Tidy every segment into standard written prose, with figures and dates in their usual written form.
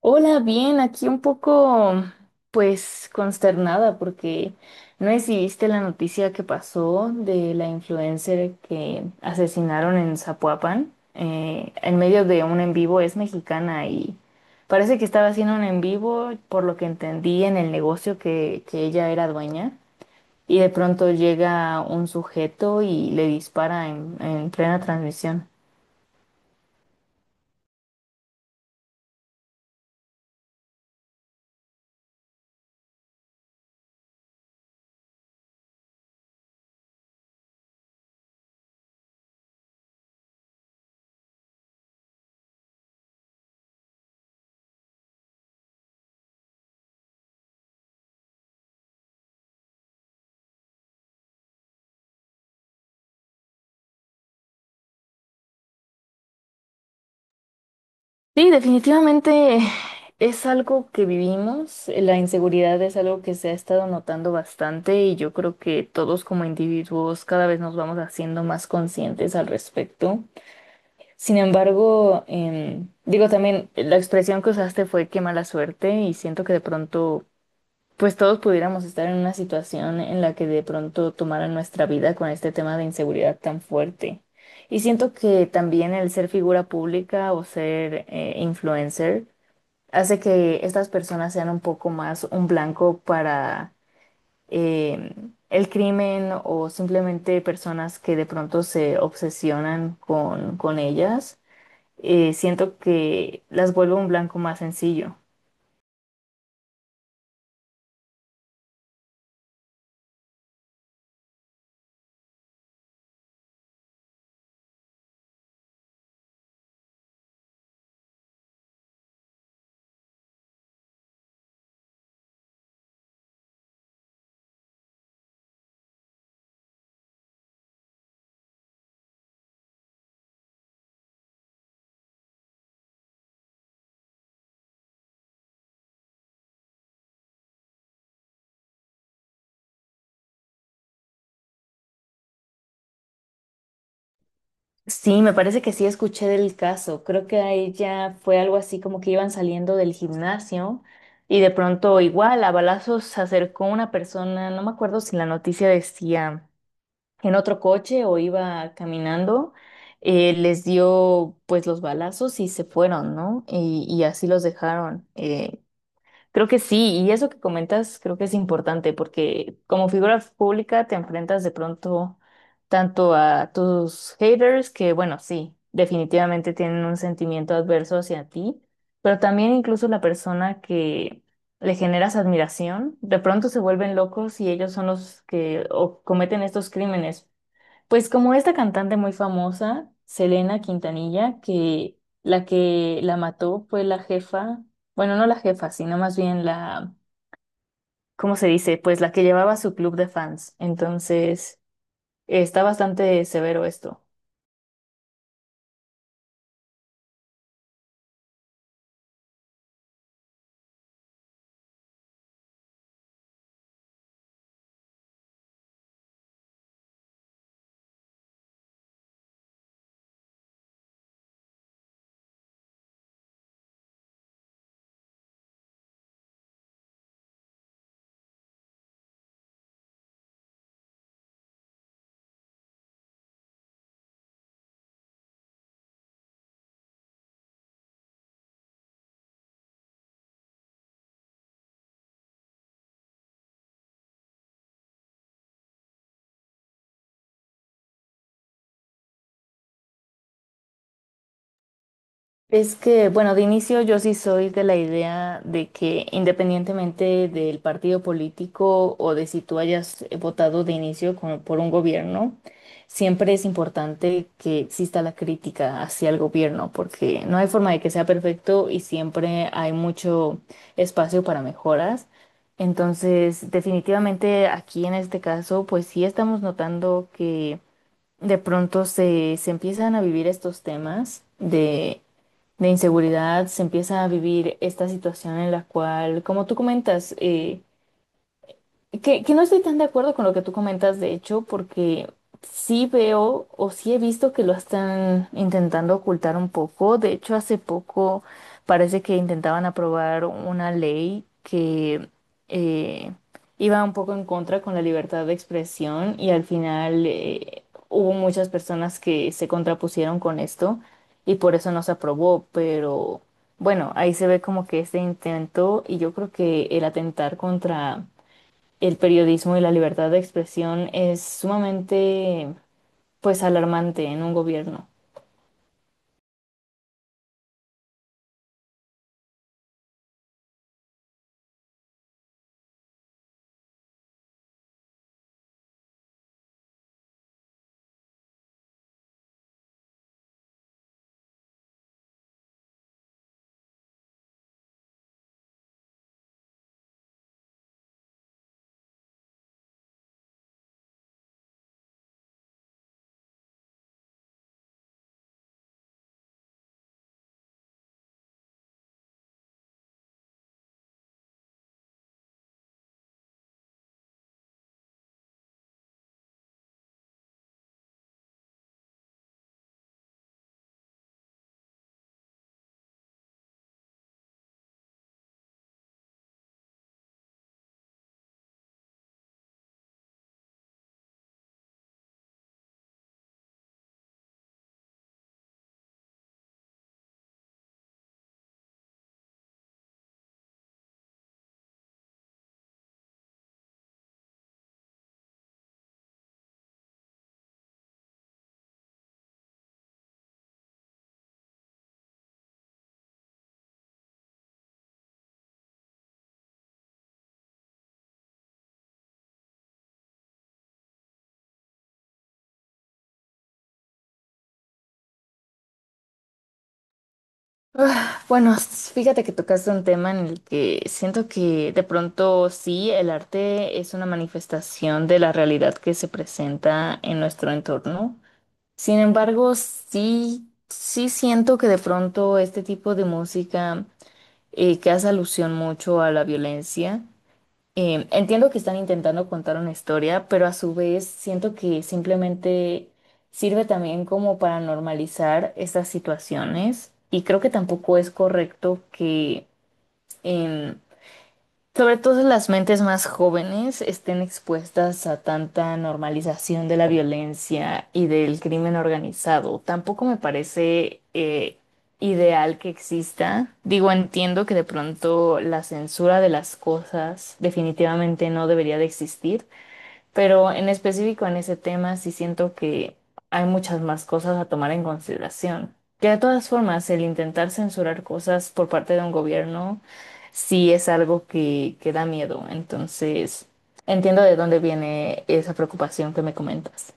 Hola, bien, aquí un poco, pues, consternada porque no sé si viste la noticia que pasó de la influencer que asesinaron en Zapopan, en medio de un en vivo. Es mexicana y parece que estaba haciendo un en vivo, por lo que entendí, en el negocio que ella era dueña, y de pronto llega un sujeto y le dispara en plena transmisión. Sí, definitivamente es algo que vivimos. La inseguridad es algo que se ha estado notando bastante, y yo creo que todos como individuos cada vez nos vamos haciendo más conscientes al respecto. Sin embargo, digo también, la expresión que usaste fue "qué mala suerte", y siento que de pronto, pues todos pudiéramos estar en una situación en la que de pronto tomaran nuestra vida con este tema de inseguridad tan fuerte. Y siento que también el ser figura pública o ser influencer, hace que estas personas sean un poco más un blanco para eh, el crimen, o simplemente personas que de pronto se obsesionan con ellas. Siento que las vuelve un blanco más sencillo. Sí, me parece que sí escuché del caso. Creo que a ella fue algo así como que iban saliendo del gimnasio y de pronto igual a balazos se acercó una persona, no me acuerdo si la noticia decía en otro coche o iba caminando, les dio pues los balazos y se fueron, ¿no? Y así los dejaron. Creo que sí, y eso que comentas creo que es importante porque como figura pública te enfrentas de pronto tanto a tus haters que, bueno, sí, definitivamente tienen un sentimiento adverso hacia ti, pero también incluso la persona que... le generas admiración, de pronto se vuelven locos y ellos son los que cometen estos crímenes, pues como esta cantante muy famosa, Selena Quintanilla, que la mató fue la jefa, bueno, no la jefa, sino más bien la, ¿cómo se dice? Pues la que llevaba su club de fans. Entonces, está bastante severo esto. Es que, bueno, de inicio yo sí soy de la idea de que independientemente del partido político, o de si tú hayas votado de inicio por un gobierno, siempre es importante que exista la crítica hacia el gobierno, porque no hay forma de que sea perfecto y siempre hay mucho espacio para mejoras. Entonces, definitivamente aquí en este caso, pues sí estamos notando que de pronto se empiezan a vivir estos temas de inseguridad, se empieza a vivir esta situación en la cual, como tú comentas, que no estoy tan de acuerdo con lo que tú comentas, de hecho, porque sí veo, o sí he visto, que lo están intentando ocultar un poco. De hecho, hace poco parece que intentaban aprobar una ley que eh, iba un poco en contra con la libertad de expresión, y al final hubo muchas personas que se contrapusieron con esto y por eso no se aprobó, pero bueno, ahí se ve como que este intento. Y yo creo que el atentar contra el periodismo y la libertad de expresión es sumamente, pues, alarmante en un gobierno. Bueno, fíjate que tocaste un tema en el que siento que de pronto sí, el arte es una manifestación de la realidad que se presenta en nuestro entorno. Sin embargo, sí, sí siento que de pronto este tipo de música que hace alusión mucho a la violencia. Entiendo que están intentando contar una historia, pero a su vez siento que simplemente sirve también como para normalizar estas situaciones, y creo que tampoco es correcto que em, sobre todo las mentes más jóvenes estén expuestas a tanta normalización de la violencia y del crimen organizado. Tampoco me parece ideal que exista. Digo, entiendo que de pronto la censura de las cosas definitivamente no debería de existir, pero en específico en ese tema sí siento que hay muchas más cosas a tomar en consideración. Que de todas formas, el intentar censurar cosas por parte de un gobierno sí es algo que da miedo. Entonces, entiendo de dónde viene esa preocupación que me comentas.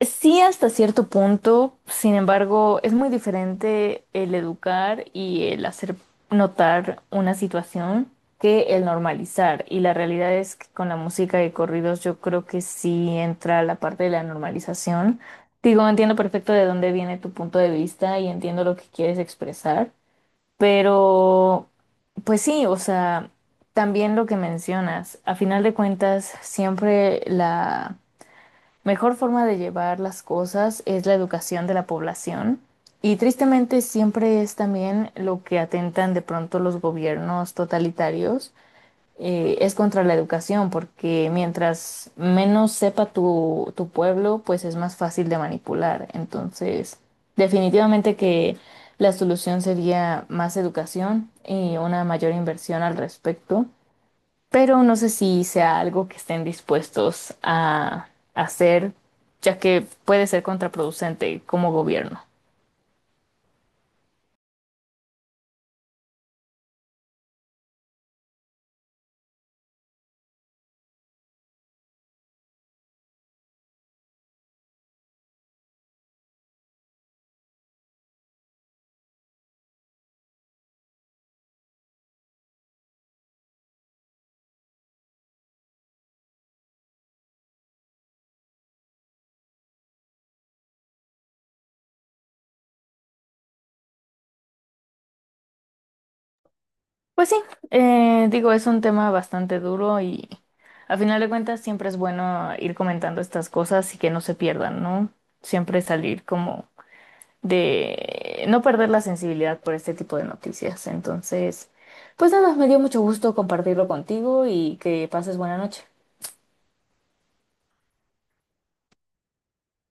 Sí, hasta cierto punto, sin embargo, es muy diferente el educar y el hacer notar una situación que el normalizar. Y la realidad es que con la música de corridos yo creo que sí entra la parte de la normalización. Digo, entiendo perfecto de dónde viene tu punto de vista y entiendo lo que quieres expresar, pero pues sí, o sea, también lo que mencionas, a final de cuentas, siempre la mejor forma de llevar las cosas es la educación de la población, y tristemente siempre es también lo que atentan de pronto los gobiernos totalitarios. Eh, es contra la educación, porque mientras menos sepa tu pueblo, pues es más fácil de manipular. Entonces, definitivamente que la solución sería más educación y una mayor inversión al respecto, pero no sé si sea algo que estén dispuestos a hacer, ya que puede ser contraproducente como gobierno. Pues sí, digo, es un tema bastante duro, y a final de cuentas siempre es bueno ir comentando estas cosas y que no se pierdan, ¿no? Siempre salir como de no perder la sensibilidad por este tipo de noticias. Entonces, pues nada, me dio mucho gusto compartirlo contigo y que pases buena noche.